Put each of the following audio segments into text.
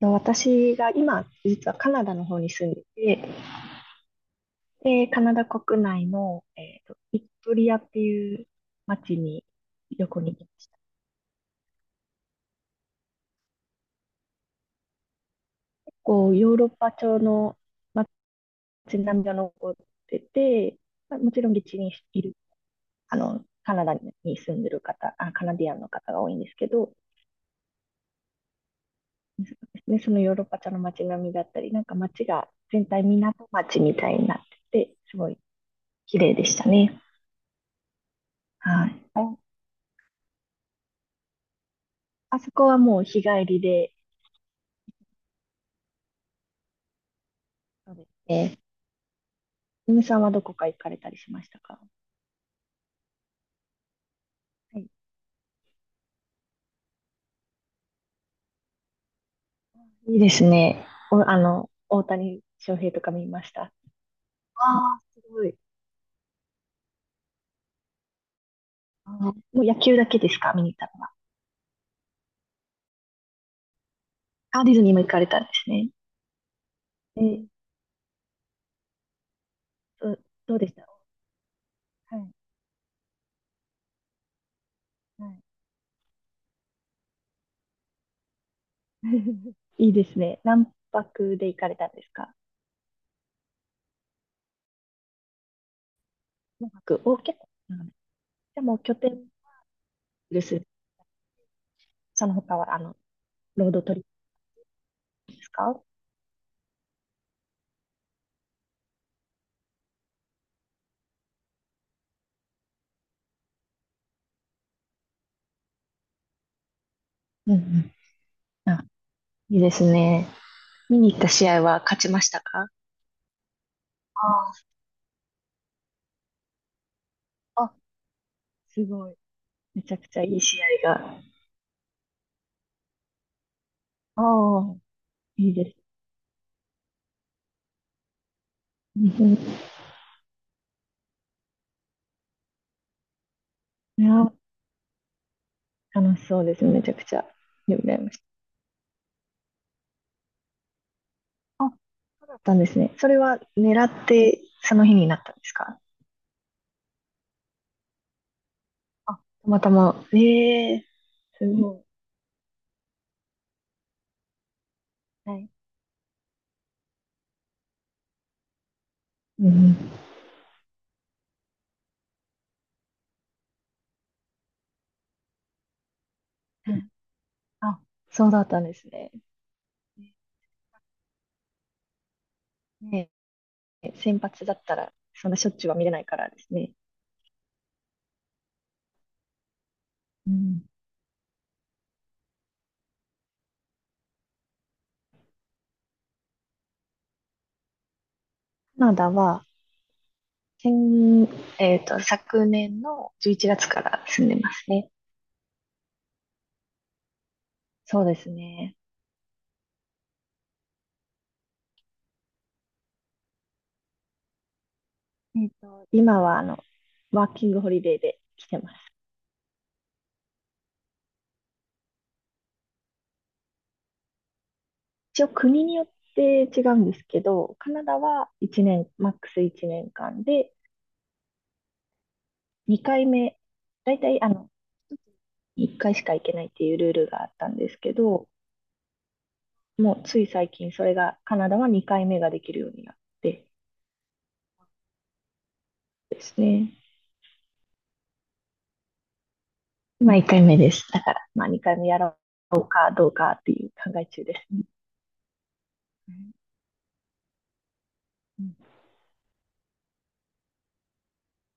と私が今、実はカナダの方に住んでて、で、カナダ国内の、ビクトリアっていう町に旅行に行きました。こう、ヨーロッパ調の町並みが残ってて、まあ、もちろん現地にいる、カナダに住んでる方、あ、カナディアンの方が多いんですけど、でそのヨーロッパ調の街並みだったり、なんか町が全体港町みたいになってて、すごい綺麗でしたね。はい。ああそこはもう日帰りで、そうですね。ゆみさんはどこか行かれたりしましたか？はい、いいですね。お、大谷翔平とか見ました。ああ、すごい。あはもう野球だけですか、見に行ったのは。あ、ディズニーも行かれたんですね。えー、ど、どうでした？はい、はい。いいですね。何泊で行かれたんですか？何泊お、結構長めでも拠点です。その他は、ロードトリップですか？うんうん。あ、いいですね。見に行った試合は勝ちましたか？ああ。すごい。めちゃくちゃいい試合が。ああ、いいです。うん、いや、楽しそうですね。めちゃくちゃ。で、羨ましい。あ、そうだったんですね。それは狙って、その日になったんですか？あ、たまたま。ええ、すごい。はい。うんうん。あ、そうだったんですね。ね、え、先発だったら、そんなしょっちゅうは見れないからですね。うん。カナダは、先、昨年の11月から住んでますね。そうですね。今はワーキングホリデーで来てます。一応国によって違うんですけど、カナダは1年、マックス1年間で、2回目、だいたい1回しか行けないっていうルールがあったんですけど、もうつい最近それが、カナダは2回目ができるようになってですね。今1回目です。だから、まあ2回目やろうかどうかっていう考え中ですね。うん、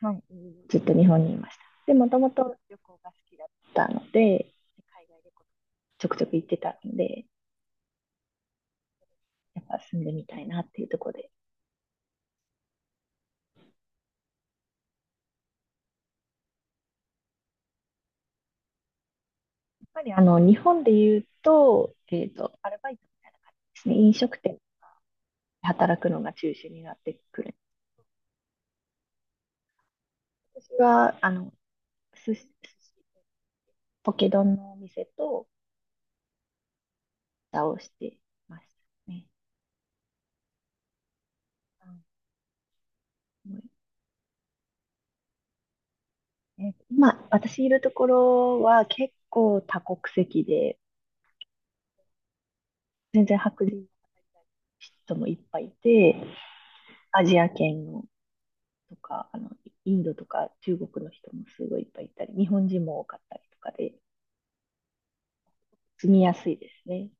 はい。ずっと日本にいました。で、もともと旅行が好きだったので、海外旅行ちょくちょく行ってたので、やっぱ住んでみたいなっていうところで、やっぱりあの日本で言うと、アルバイトみたいな感じですね、飲食店で働くのが中心になってくる。私はあの寿司ポケ丼のお店と蓋をしてましたね。うん、え今、私いるところは結構多国籍で、全然白人の人もいっぱいいて、アジア圏のとか、インドとか中国の人もすごいいっぱいいたり、日本人も多かったりとかで、住みやすいですね。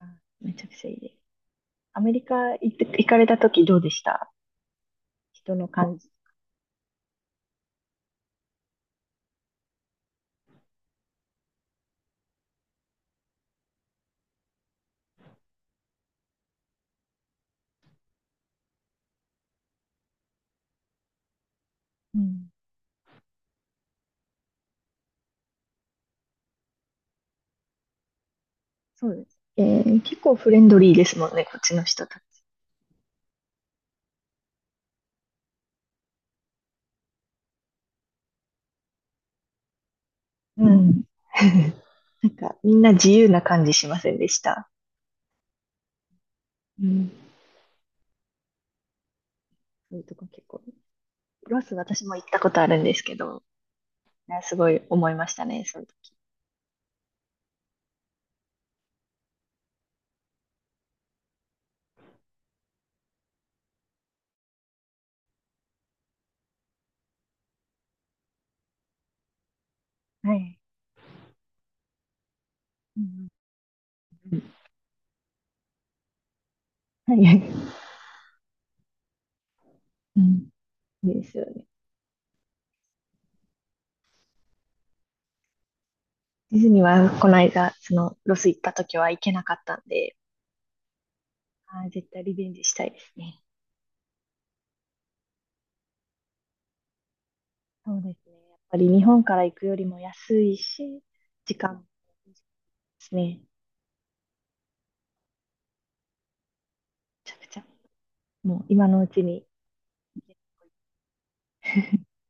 あ、めちゃくちゃいいです。アメリカ行って、行かれた時どうでした？人の感じ。うん。そうです。えー結構フレンドリーですもんね、こっちの人たち。ううん。なんか、みんな自由な感じしませんでした？うん。そういうとこ結構。ロス私も行ったことあるんですけど、ね、すごい思いましたね、その時。はい。うん、はいはい、うん、いいですよね。ディズニーはこの間、そのロス行った時は行けなかったんで、あー絶対リベンジしたいですね。そうですね。やっぱり日本から行くよりも安いし、時間もいですね。めちゃくちゃ。もう今のうちに。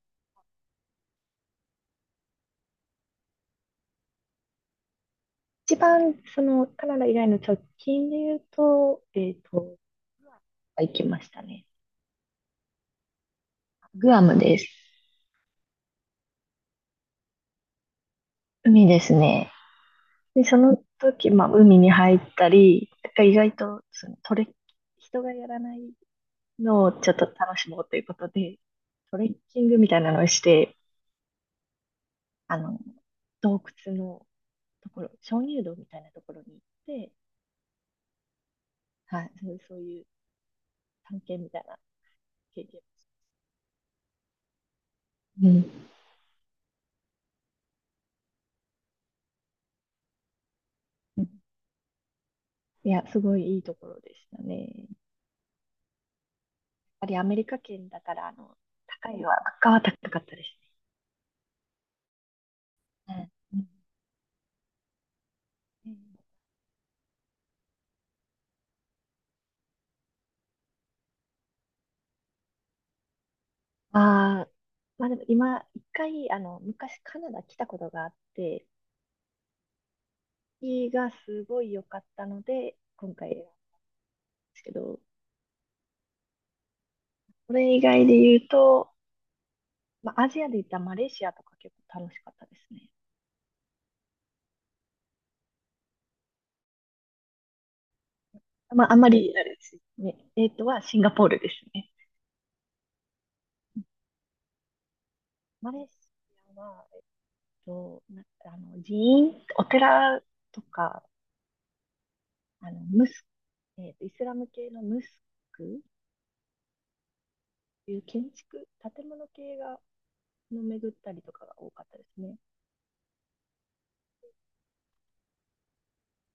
一番そのカナダ以外の直近で言うと、グアムは行きましたね。グアムです。海ですね。で、その時、まあ、海に入ったり、なんか意外とそのトレッ、人がやらないのをちょっと楽しもうということで、トレッキングみたいなのをして、あの、洞窟のところ、鍾乳洞みたいなところに行って、はい、そうそういう探検みたいな経験です。うん。うん、いや、すごいいいところでしたね。やっぱりアメリカ圏だから、高いは、物価は高かったですね。うんうん、ああ、まあでも今、一回、昔カナダ来たことがあって、日がすごい良かったので、今回選んだんですけど、これ以外で言うと、まあアジアで言ったらマレーシアとか結構楽しかったですね。まああんまり、あれですね。えっとはシンガポールですね。マレーシアは、な、寺院、お寺とか、ムス、イスラム系のムスクっていう建築、建物系が、の巡ったりとかが多かったですね。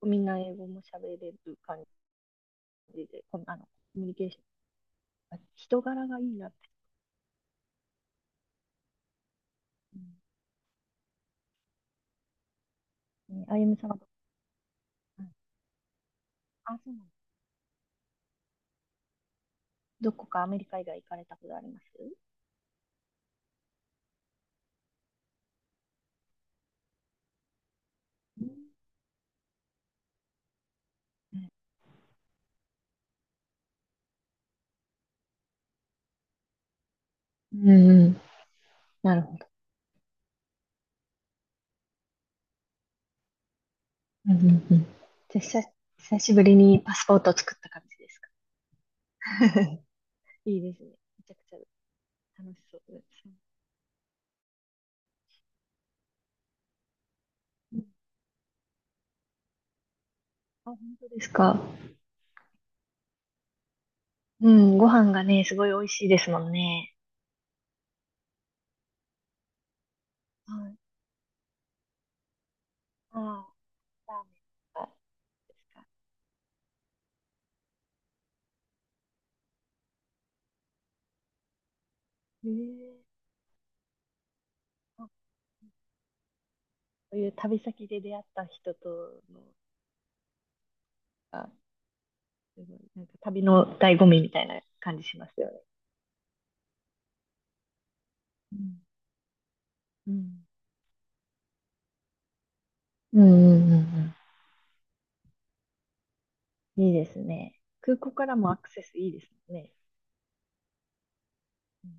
みんな英語も喋れる感じで、このあのコミュニケーション、人柄がいいなって。うん、ね、あゆみさんはど,、あ、そうなんだ。どこかアメリカ以外行かれたことあります？うんうん。なるほど。うんうんうん、じゃあ久しぶりにパスポートを作った感じですか。いいですね。めちゃくちゃ楽しそうです。うん、あ、本当ですか。うん、ご飯がね、すごい美味しいですもんね。はい。ああ、ラーメンとかですか。へえ、そういう旅先で出会った人とのが、すごいなんか旅の醍醐味みたいな感じしますよね。うん。うんうんうん、うんうん。いいですね。空港からもアクセスいいですね。うん